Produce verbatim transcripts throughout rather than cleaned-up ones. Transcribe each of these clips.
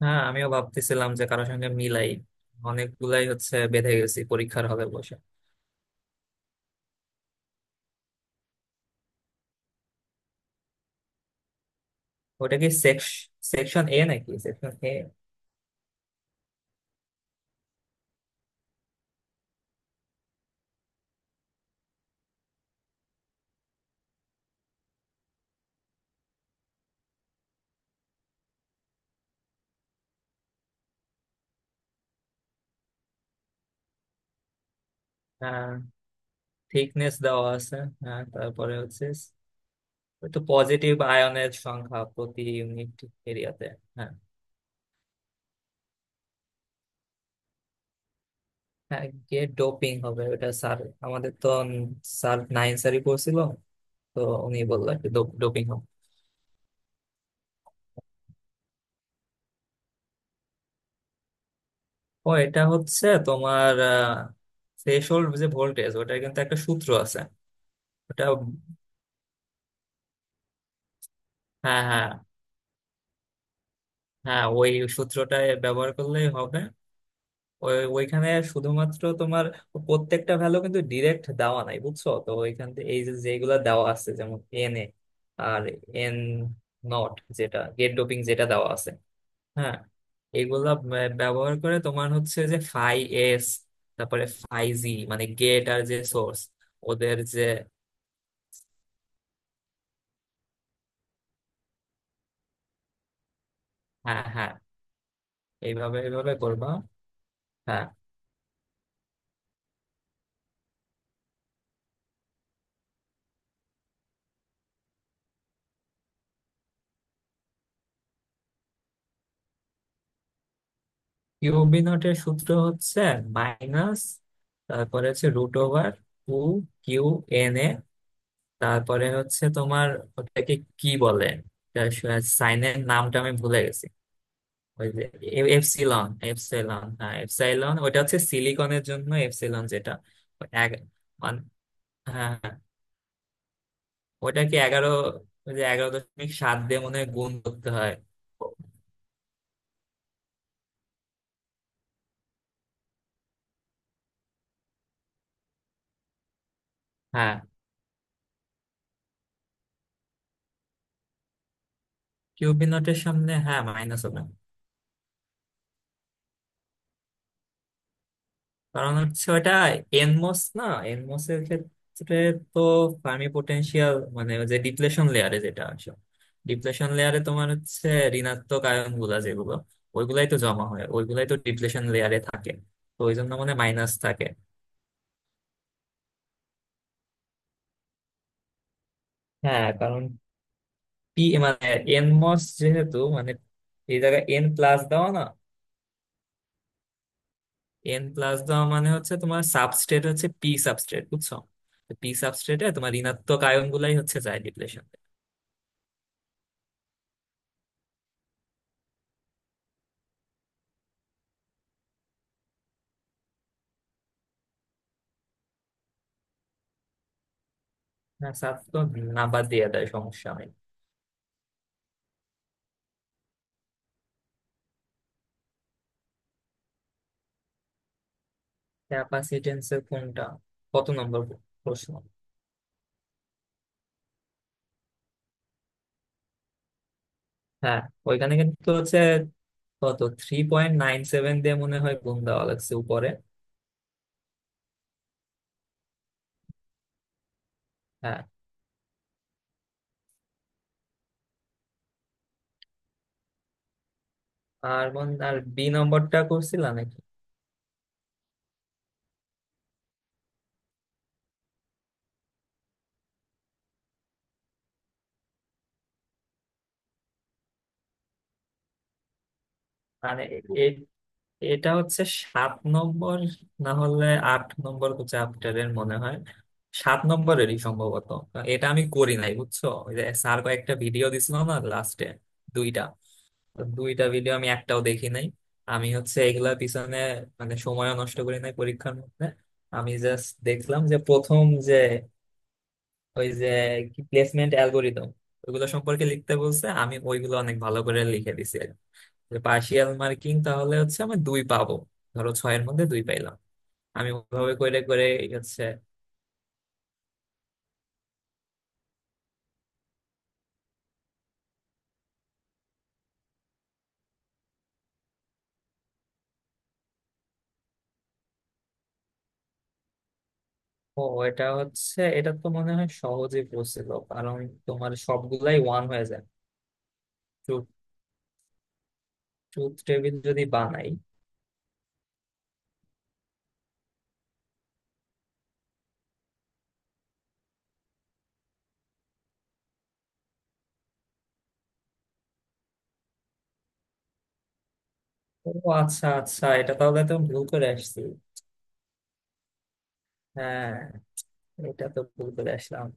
হ্যাঁ, আমিও ভাবতেছিলাম যে কারোর সঙ্গে মিলাই। অনেকগুলাই হচ্ছে বেঁধে গেছি পরীক্ষার হলে বসে। ওটা কি সেকশন এ নাকি সেকশন এ? থিকনেস দেওয়া আছে। হ্যাঁ, তারপরে হচ্ছে। ওই তো পজিটিভ আয়নের সংখ্যা প্রতি ইউনিট এরিয়াতে। হ্যাঁ, হ্যাঁ। গিয়ে ডোপিং হবে ওটা, স্যার। আমাদের তো স্যার নাইন স্যারই পড়ছিল। তো উনি বললো ডোপিং হবে। ও, এটা হচ্ছে তোমার থ্রেশোল্ড যে ভোল্টেজ, ওটার কিন্তু একটা সূত্র আছে। ওটা। হ্যাঁ, হ্যাঁ, হ্যাঁ। ওই সূত্রটা ব্যবহার করলেই হবে। ওই, ওইখানে শুধুমাত্র তোমার প্রত্যেকটা ভ্যালু কিন্তু ডিরেক্ট দেওয়া নাই, বুঝছো? তো ওইখান থেকে এই যে যেগুলা দেওয়া আছে, যেমন N A R N not, যেটা গেট ডোপিং যেটা দেওয়া আছে। হ্যাঁ, এগুলা ব্য- ব্যবহার করে তোমার হচ্ছে যে ফাই এস, তারপরে ফাই জি মানে গেট আর যে সোর্স ওদের যে। হ্যাঁ, হ্যাঁ। এইভাবে এইভাবে করবা। হ্যাঁ, কিউবি নটের সূত্র হচ্ছে মাইনাস, তারপরে হচ্ছে root over two q N A, তারপরে হচ্ছে তোমার ওটাকে, কি বলে, সাইনের নামটা আমি ভুলে গেছি। ওই যে এ- এপসিলন এপসাইলন, হ্যাঁ, এপসাইলন। ওটা হচ্ছে সিলিকনের জন্য এপসাইলন, যেটা ওই এক- মানে। হ্যাঁ, হ্যাঁ, ওটাকে এগারো, ওই যে এগারো দশমিক সাত দিয়ে মনে হয় গুণ করতে হয়। হ্যাঁ, কিউবি নটের সামনে হ্যাঁ মাইনাস হবে। কারণ হচ্ছে ওটা এনমস না, এনমস এর ক্ষেত্রে তো ফার্মি পোটেনশিয়াল মানে ওই যে ডিপ্লেশন লেয়ারে যেটা আসে। ডিপ্লেশন লেয়ারে তোমার হচ্ছে ঋণাত্মক আয়ন গুলা, যেগুলো ওইগুলাই তো জমা হয়, ওইগুলাই তো ডিপ্লেশন লেয়ারে থাকে। তো ওই জন্য মানে মাইনাস থাকে। হ্যাঁ, কারণ পি মানে এনমস যেহেতু মানে এই জায়গায় এন প্লাস দেওয়া না। এন প্লাস দেওয়া মানে হচ্ছে তোমার সাবস্ট্রেট হচ্ছে পি সাবস্ট্রেট, বুঝছো? পি সাবস্ট্রেটে তোমার ঋণাত্মক আয়ন গুলাই হচ্ছে যায় ডিপ্লেশন। না, সাফ তো। না, বাদ দিয়ে দেয়, সমস্যা নেই। ক্যাপাসিটেন্সের কোনটা? কত নম্বর প্রশ্ন? হ্যাঁ, ওইখানে কিন্তু হচ্ছে কত থ্রি পয়েন্ট নাইন সেভেন দিয়ে মনে হয় গুণ দেওয়া লাগছে উপরে। হ্যাঁ। আর মন আর বি নম্বরটা করছিলাম নাকি? মানে এ- এটা হচ্ছে সাত নম্বর, না হলে আট নম্বর চ্যাপ্টারের মনে হয়, সাত নম্বরেরই সম্ভবত। এটা আমি করি নাই, বুঝছো? ওই যে স্যার কয়েকটা ভিডিও দিছিল না লাস্টে, দুইটা দুইটা ভিডিও আমি একটাও দেখি নাই। আমি হচ্ছে এগুলা পিছনে মানে সময় নষ্ট করি নাই পরীক্ষার মধ্যে। আমি জাস্ট দেখলাম যে প্রথম যে ওই যে কি প্লেসমেন্ট অ্যালগোরিদম ওইগুলো সম্পর্কে লিখতে বলছে, আমি ওইগুলো অনেক ভালো করে লিখে দিছি আর কি। যে পার্শিয়াল মার্কিং তাহলে হচ্ছে আমি দুই পাবো, ধরো ছয়ের মধ্যে দুই পাইলাম। আমি ওভাবে করে করে হচ্ছে। ও, এটা হচ্ছে, এটা তো মনে হয় সহজে পড়ছিল, কারণ তোমার সবগুলাই ওয়ান হয়ে যায়, ট্রুথ টেবিল যদি বানাই। ও আচ্ছা, আচ্ছা, এটা তাহলে তো ভুল করে আসছি। হ্যাঁ, এটা তো ভুল করে আসলাম।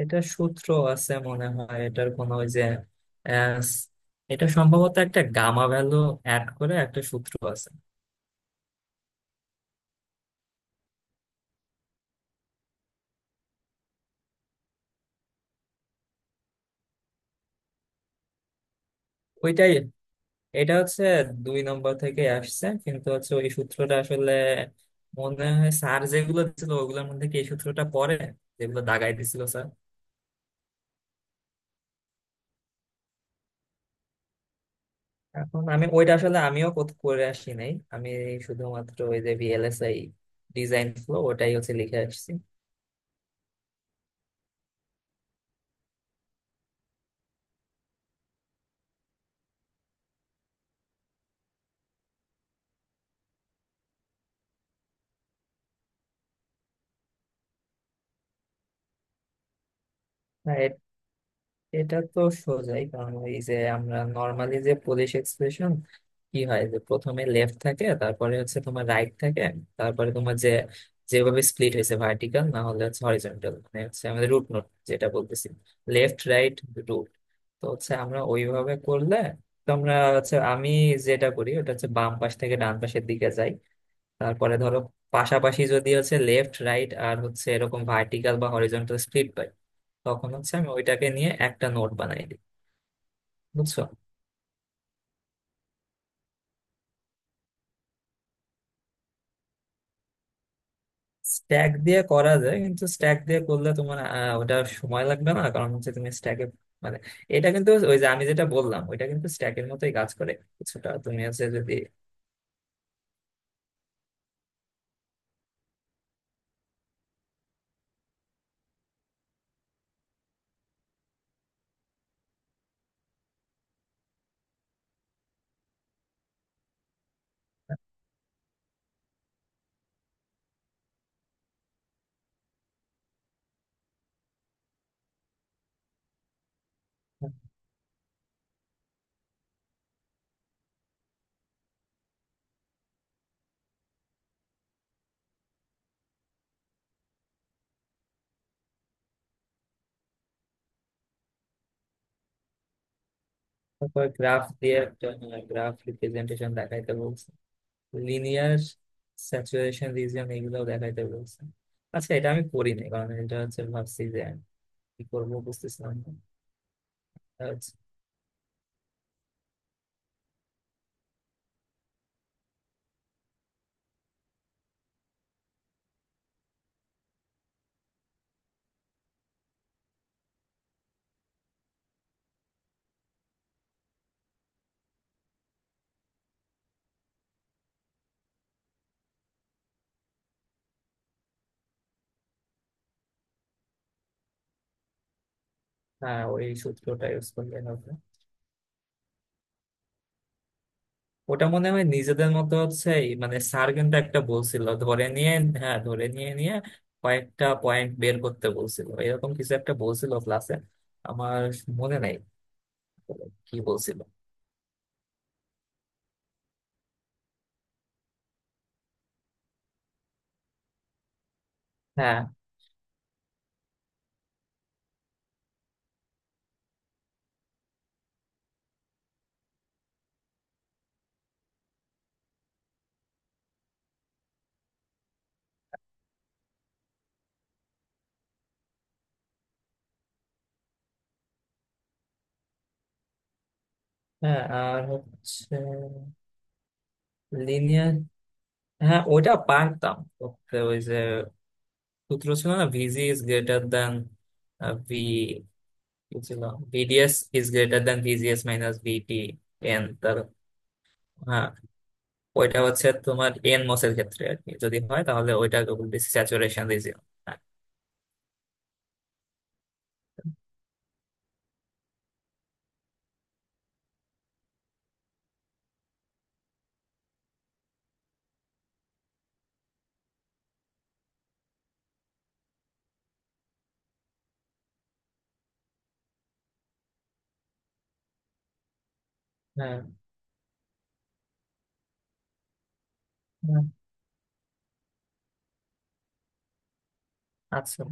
এটা সূত্র আছে মনে হয় এটার কোনো, ওই যে আহ, এটা সম্ভবত একটা গামা ভ্যালু অ্যাড করে একটা সূত্র আছে। ওইটাই। এটা হচ্ছে দুই নম্বর থেকে আসছে, কিন্তু হচ্ছে ওই সূত্রটা আসলে মনে হয় স্যার যেগুলো দিছিল ওগুলোর মধ্যে কি এই সূত্রটা পড়ে, যেগুলো দাগাই দিছিল। এখন আমি ওইটা আসলে আমিও কোত- করে আসি নাই। আমি শুধুমাত্র ওই যে ভিএলএসআই ডিজাইন ফ্লো ওটাই হচ্ছে লিখে আসছি। না, এ- এটা তো সোজাই, কারণ এই যে আমরা নর্মালি যে পোলিশ এক্সপ্রেশন কি হয়, যে প্রথমে লেফট থাকে, তারপরে হচ্ছে তোমার রাইট থাকে, তারপরে তোমার যে যেভাবে স্প্লিট হয়েছে ভার্টিক্যাল না হলে হচ্ছে হরিজন্টাল, মানে হচ্ছে আমাদের রুট নোট যেটা বলতেছি, লেফট রাইট রুট। তো হচ্ছে আমরা ওইভাবে করলে, তো আমরা হচ্ছে আমি যেটা করি ওটা হচ্ছে বাম পাশ থেকে ডান পাশের দিকে যাই। তারপরে ধরো পাশাপাশি যদি হচ্ছে লেফট রাইট আর হচ্ছে এরকম ভার্টিক্যাল বা হরিজন্টাল স্প্লিট পাই, তখন হচ্ছে আমি ওইটাকে নিয়ে একটা নোট বানাই দিই। বুঝছো? স্ট্যাক দিয়ে করা যায়, কিন্তু স্ট্যাক দিয়ে করলে তোমার আহ, ওটা সময় লাগবে না, কারণ হচ্ছে তুমি স্ট্যাকে মানে, এটা কিন্তু ওই যে আমি যেটা বললাম ওইটা কিন্তু স্ট্যাকের মতোই কাজ করে কিছুটা, তুমি হচ্ছে যদি। গ্রাফ দিয়ে একটা গ্রাফ রিপ্রেজেন্টেশন দেখাইতে বলছে, লিনিয়ার স্যাচুরেশন রিজিয়ন এগুলো দেখাইতে বলছে। আচ্ছা, এটা আমি করিনি, কারণ এটা হচ্ছে ভাবছি যে কি করবো বুঝতেছিলাম না। আর হচ্ছে- হ্যাঁ, ওই সূত্রটা ইউজ করলে হবে। ওটা মনে হয় নিজেদের মতো হচ্ছে, এই মানে স্যার কিন্তু একটা বলছিল ধরে নিয়ে। হ্যাঁ, ধরে নিয়ে নিয়ে কয়েকটা পয়েন্ট বের করতে বলছিল, এরকম কিছু একটা বলছিল ক্লাসে। আমার মনে নাই কি বলছিল। হ্যাঁ, হ্যাঁ। আর হচ্ছে লিনিয়ার। হ্যাঁ, ওটা পারতাম করতে, ওই যে সূত্র ছিল না, VG is greater than V, কি ছিল? VDS is greater than VGS minus VT N তার। হ্যাঁ, ওইটা হচ্ছে তোমার এন মসের ক্ষেত্রে, আর কি যদি হয় তাহলে ওইটা বলতেছি স্যাচুরেশন রিজিয়ন। হ্যাঁ, হ্যাঁ। আচ্ছা।